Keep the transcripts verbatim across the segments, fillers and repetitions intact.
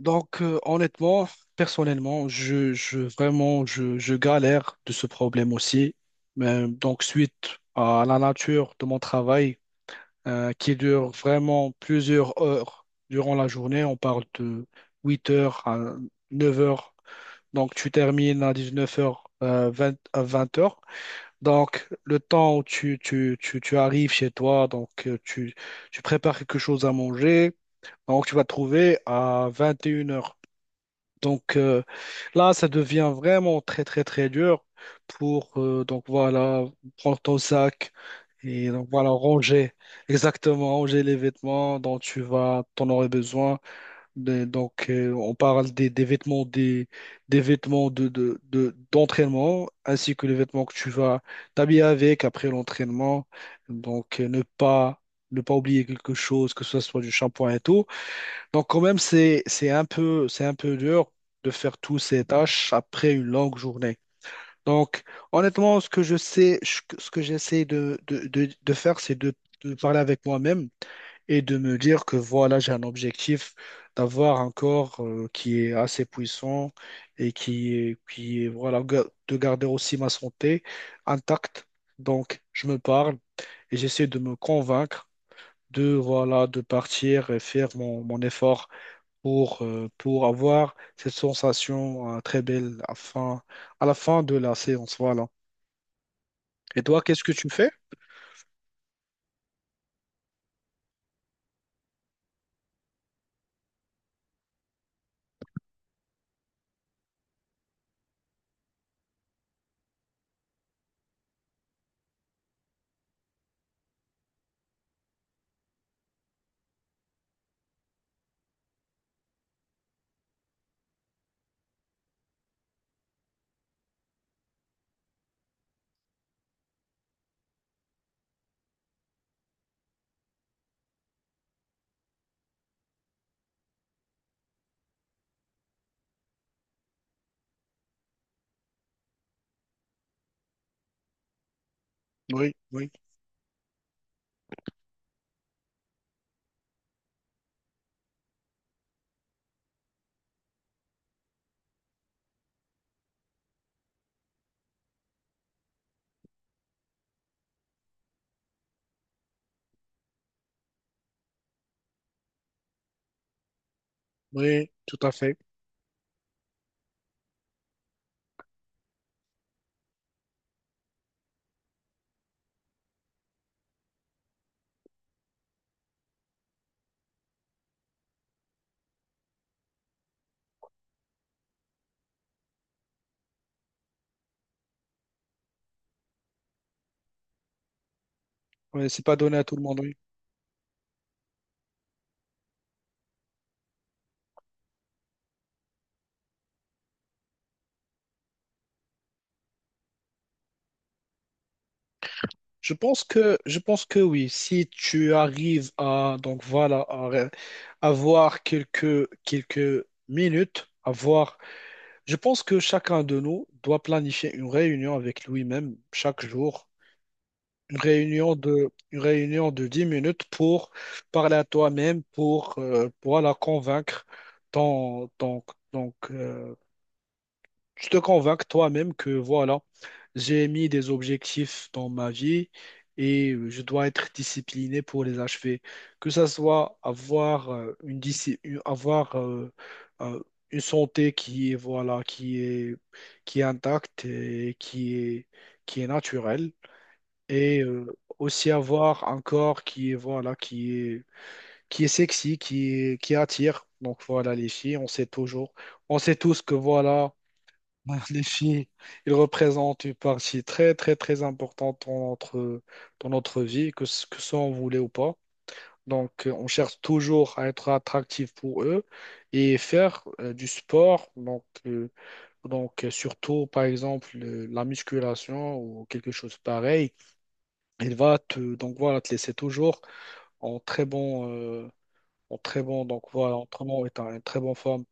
Donc, euh, honnêtement, personnellement, je, je vraiment, je, je galère de ce problème aussi. Euh, donc, suite à la nature de mon travail, euh, qui dure vraiment plusieurs heures durant la journée, on parle de huit heures à neuf heures. Donc, tu termines à dix-neuf heures, vingt à vingt heures. Donc, le temps où tu, tu, tu, tu arrives chez toi, donc euh, tu, tu prépares quelque chose à manger. Donc, tu vas te trouver à vingt et une heures. Donc euh, Là, ça devient vraiment très très très dur pour euh, donc voilà prendre ton sac et donc voilà ranger, exactement, ranger les vêtements dont tu vas t'en aurais besoin. Des- donc euh, on parle des, des vêtements, des, des vêtements de, de, de- d'entraînement, ainsi que les vêtements que tu vas t'habiller avec après l'entraînement. Donc euh, ne pas ne pas oublier quelque chose, que ce soit du shampoing et tout. Donc quand même, c'est c'est un peu, c'est un peu dur de faire toutes ces tâches après une longue journée. Donc honnêtement, ce que je sais, ce que ce que j'essaie de, de, de, de faire, c'est de, de parler avec moi-même et de me dire que voilà, j'ai un objectif d'avoir un corps euh, qui est assez puissant et qui est, qui est, voilà, ga- de garder aussi ma santé intacte. Donc je me parle et j'essaie de me convaincre de, voilà, de partir et faire mon, mon effort pour, euh, pour avoir cette sensation euh, très belle à, fin- à la fin de la séance. Voilà. Et toi, qu'est-ce que tu fais? Oui, oui, oui, tout à fait. Oui, c'est pas donné à tout le monde, oui. Je pense que, je pense que oui. Si tu arrives à, donc voilà, à ré- avoir quelques, quelques minutes, avoir, je pense que chacun de nous doit planifier une réunion avec lui-même chaque jour, une réunion de, une réunion de dix minutes pour parler à toi-même, pour, euh, pour la convaincre. Ton, ton- donc, euh, tu te convaincs toi-même que voilà, j'ai mis des objectifs dans ma vie et je dois être discipliné pour les achever. Que ça soit avoir euh, une, disci- une- avoir, euh, euh, une santé qui est, voilà, qui est, qui est intacte, et qui est, qui est naturelle, et euh, aussi avoir un corps qui est, voilà, qui est qui est sexy, qui est- qui attire. Donc voilà, les filles, on sait toujours, on sait tous que voilà, les filles, ils représentent une partie très très très importante dans notre, dans notre vie, que ce que ça on voulait ou pas. Donc euh, on cherche toujours à être attractif pour eux et faire euh, du sport. Donc euh, donc euh, surtout, par exemple, euh, la musculation ou quelque chose pareil, il va te, donc voilà, te laisser toujours en très bon, euh, en très bon, donc voilà, en très bon état, en très bonne forme.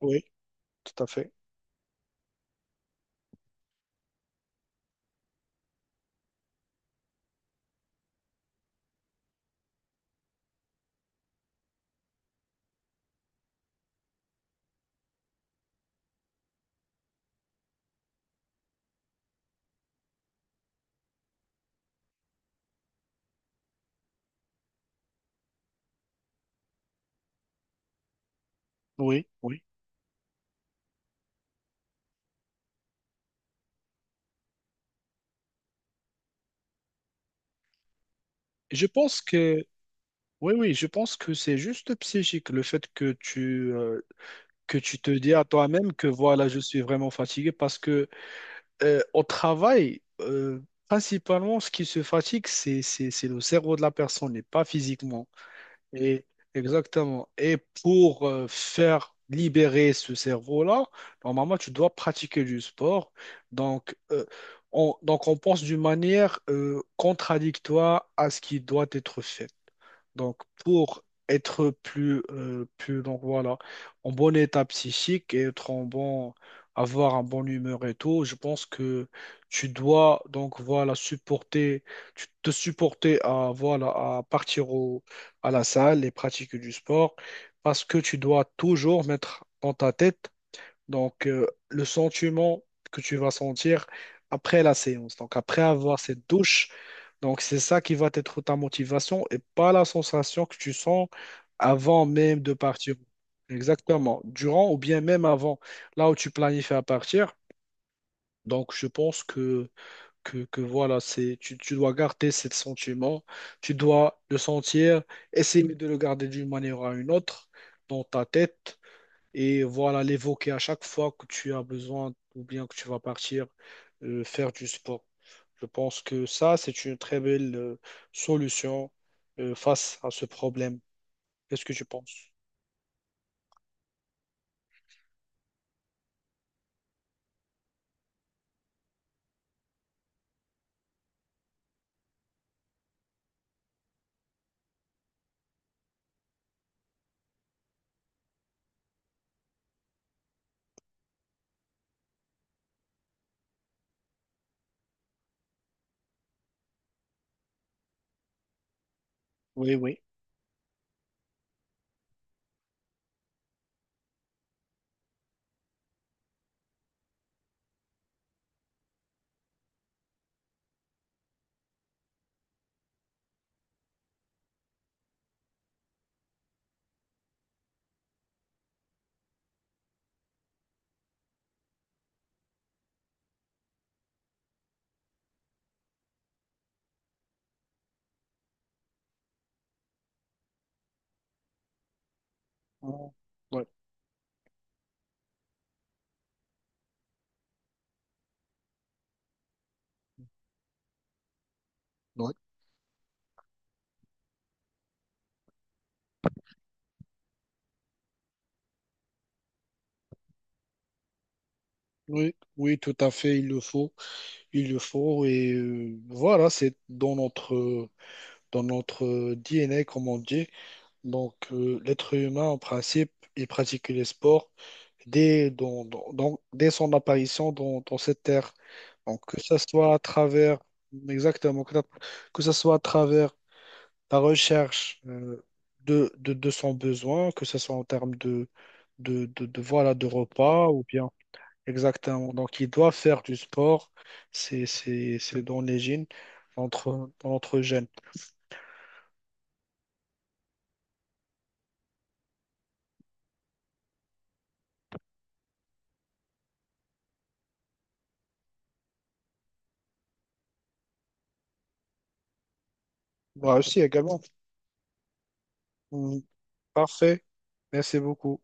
Oui, tout à fait. Oui, oui. Je pense que, oui, oui, je pense que c'est juste psychique, le fait que tu, euh, que tu te dis à toi-même que voilà, je suis vraiment fatigué, parce que euh, au travail, euh, principalement, ce qui se fatigue, c'est, c'est, c'est le cerveau de la personne et pas physiquement. Et exactement. Et pour euh, faire libérer ce cerveau-là, normalement, tu dois pratiquer du sport. Donc, euh, on, donc on pense d'une manière euh, contradictoire à ce qui doit être fait. Donc, pour être plus, euh, plus, donc voilà, en bon état psychique, et être en bon, avoir un bon humeur et tout, je pense que tu dois, donc voilà, supporter, tu te supporter à, voilà, à partir au, à la salle et pratiquer du sport, parce que tu dois toujours mettre dans ta tête, donc, euh, le sentiment que tu vas sentir après la séance, donc après avoir cette douche, donc c'est ça qui va être ta motivation, et pas la sensation que tu sens avant même de partir. Exactement. Durant ou bien même avant, là où tu planifies à partir. Donc, je pense que, que, que voilà, c'est, tu, tu dois garder ce sentiment, tu dois le sentir, essayer de le garder d'une manière à une autre dans ta tête et, voilà, l'évoquer à chaque fois que tu as besoin, ou bien que tu vas partir euh, faire du sport. Je pense que ça, c'est une très belle euh, solution euh, face à ce problème. Qu'est-ce que tu penses? Oui, oui. Ouais, ouais, ouais. Oui, oui, tout à fait, il le faut, il le faut, et euh, voilà, c'est dans notre, dans notre D N A, comme on dit. Donc, euh, l'être humain, en principe, il pratique les sports dès, dans- dans- dans- dès son apparition dans, dans cette terre. Donc, que ce soit à travers, exactement, que, que ce soit à travers la recherche euh, de, de, de son besoin, que ce soit en termes de, de, de, de, voilà, de repas ou bien, exactement. Donc, il doit faire du sport, c'est, c'est, c'est dans les gènes, entre, dans notre gène. Moi aussi également. Mm. Parfait, merci beaucoup.